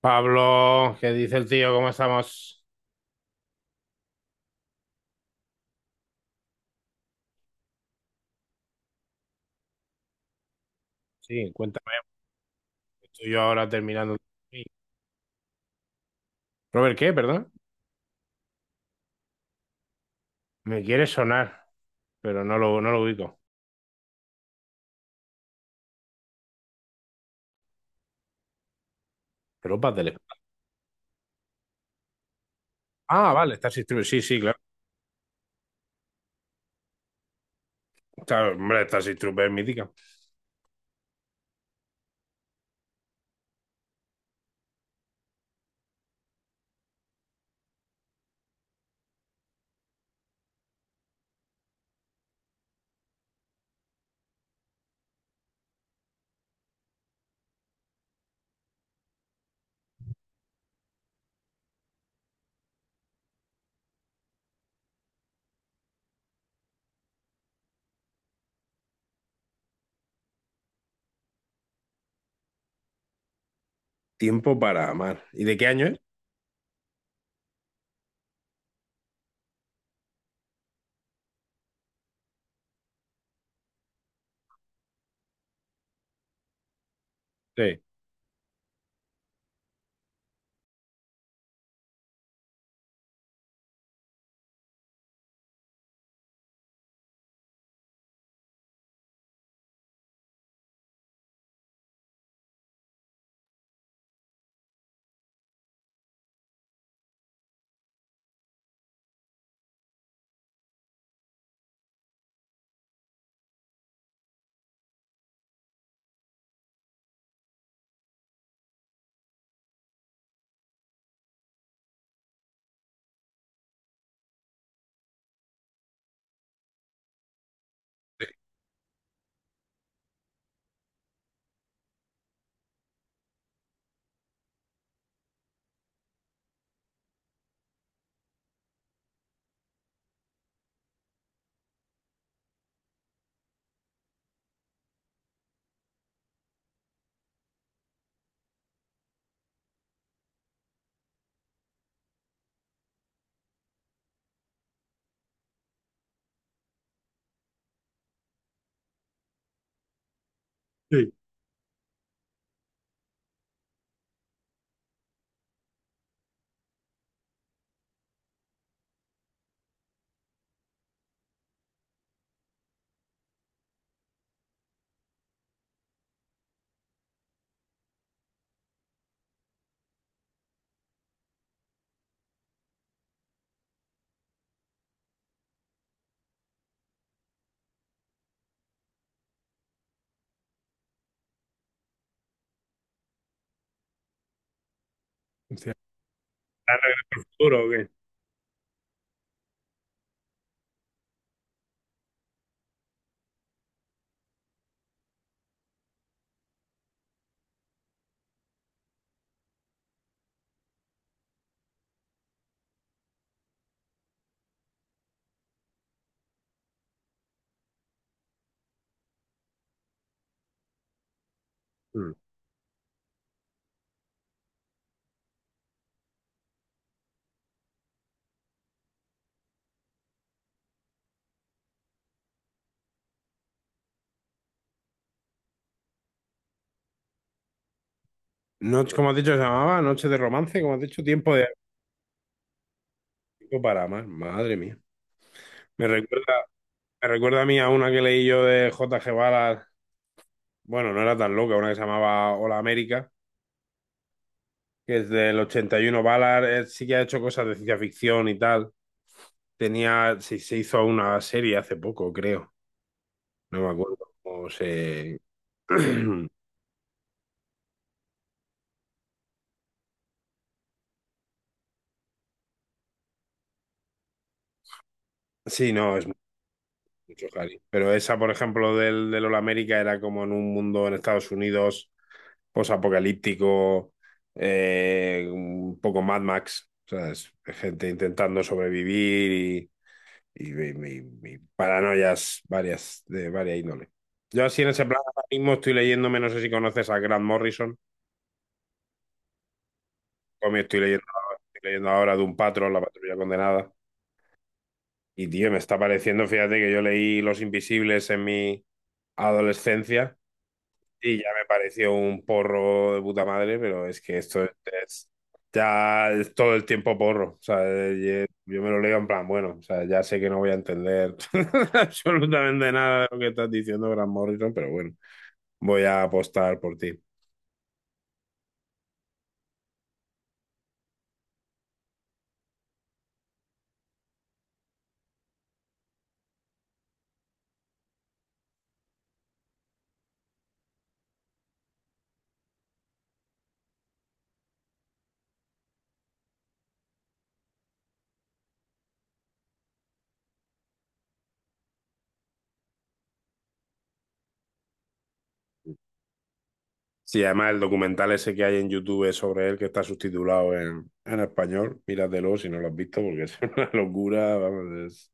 Pablo, ¿qué dice el tío? ¿Cómo estamos? Sí, cuéntame. Estoy yo ahora terminando. Robert, ¿qué? Perdón. Me quiere sonar, pero no lo ubico. Tropas del espacio. Ah, vale, Starship Troopers. Sí, sí, claro. Está, hombre, Starship Troopers mítica. Tiempo para amar. ¿Y de qué año es? Sí. Sí. O ¿Está re duro o qué? Mm. Noche, como has dicho, se llamaba Noche de Romance, como has dicho, Tiempo de Tiempo para amar. Madre mía. Me recuerda, me recuerda a mí a una que leí yo de J.G. Varas. Bueno, no era tan loca, una que se llamaba Hola América, que es del 81. Ballard, sí que ha hecho cosas de ciencia ficción y tal. Se hizo una serie hace poco, creo. No me acuerdo cómo se... Sí, no, es mucho Harry. Pero esa, por ejemplo, del Hola América era como en un mundo en Estados Unidos posapocalíptico, un poco Mad Max, ¿sabes? Gente intentando sobrevivir y mi paranoias varias, de varias índole. Yo así en ese plan ahora mismo estoy leyéndome, no sé si conoces a Grant Morrison, o me estoy leyendo ahora de un patrón, La Patrulla Condenada. Y tío, me está pareciendo, fíjate que yo leí Los Invisibles en mi adolescencia. Y ya me pareció un porro de puta madre, pero es que esto es, ya es todo el tiempo porro. O sea, yo me lo leo en plan, bueno, o sea, ya sé que no voy a entender absolutamente nada de lo que estás diciendo, Grant Morrison, pero bueno, voy a apostar por ti. Sí, además el documental ese que hay en YouTube sobre él, que está subtitulado en español, míratelo si no lo has visto, porque es una locura, vamos,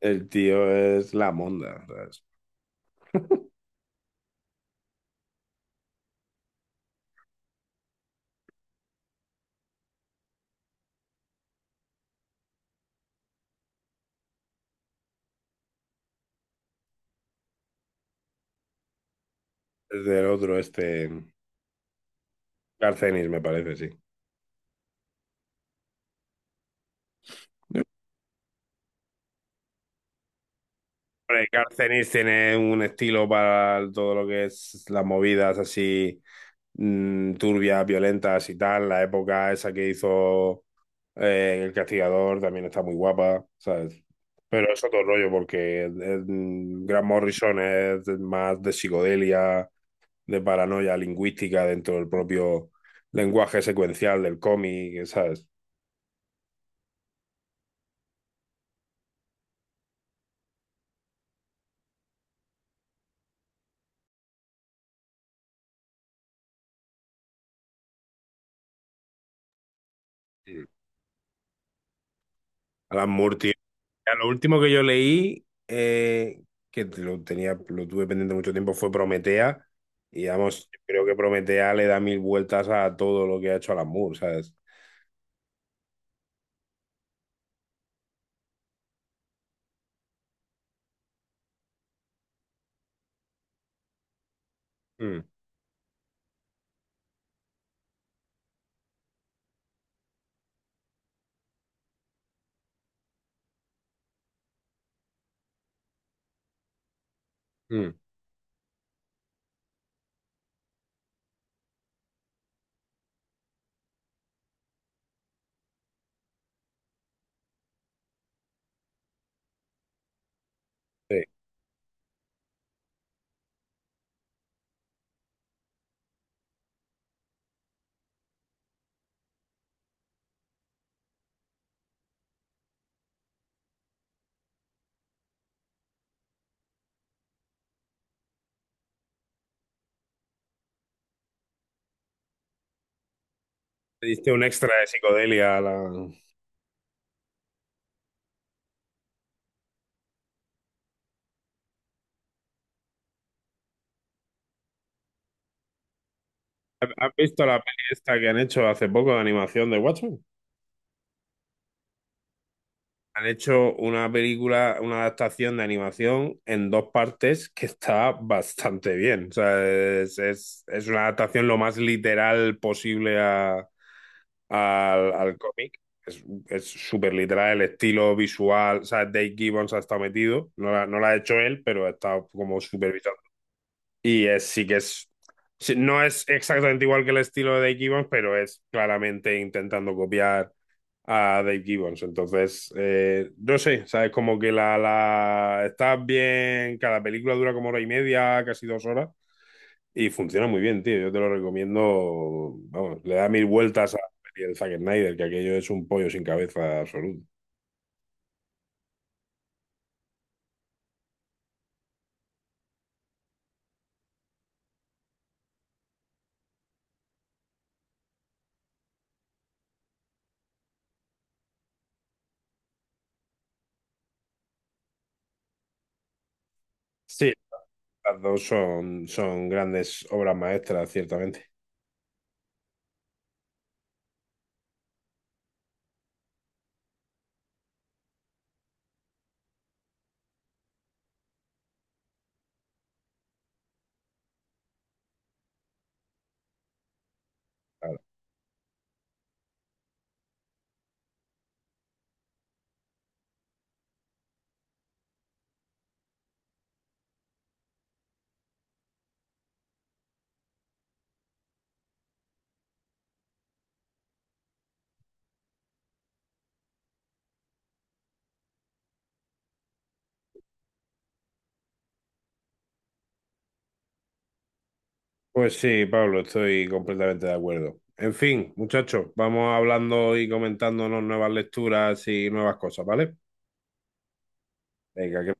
el tío es la monda, ¿sabes? Es del otro, este, Garcenis, me parece, sí. Hombre, Garcenis tiene un estilo para todo lo que es las movidas así turbias, violentas y tal. La época esa que hizo El Castigador también está muy guapa, ¿sabes? Pero es otro rollo porque Gran Morrison es más de psicodelia, de paranoia lingüística dentro del propio lenguaje secuencial del cómic, ¿sabes? Mm. Alan Moore. Ya, lo último que yo leí, que lo tenía, lo tuve pendiente mucho tiempo, fue Prometea. Y vamos, yo creo que Prometea le da mil vueltas a todo lo que ha hecho Alan Moore, ¿sabes? Mm, mm. Sí. Le diste un extra de psicodelia a la... ¿Has visto la peli esta que han hecho hace poco de animación de Watchmen? Han hecho una película, una adaptación de animación en dos partes que está bastante bien. O sea, es, es una adaptación lo más literal posible al cómic. Es súper literal el estilo visual. O sea, Dave Gibbons ha estado metido. No la ha hecho él, pero ha estado como supervisando. Y es, sí que es. Sí, no es exactamente igual que el estilo de Dave Gibbons, pero es claramente intentando copiar a Dave Gibbons. Entonces, no sé, ¿sabes? Como que la, la. Está bien. Cada película dura como hora y media, casi dos horas. Y funciona muy bien, tío. Yo te lo recomiendo. Vamos, le da mil vueltas a la peli del Zack Snyder, que aquello es un pollo sin cabeza absoluto. Sí. Las dos son grandes obras maestras, ciertamente. Claro. Pues sí, Pablo, estoy completamente de acuerdo. En fin, muchachos, vamos hablando y comentándonos nuevas lecturas y nuevas cosas, ¿vale? Venga, que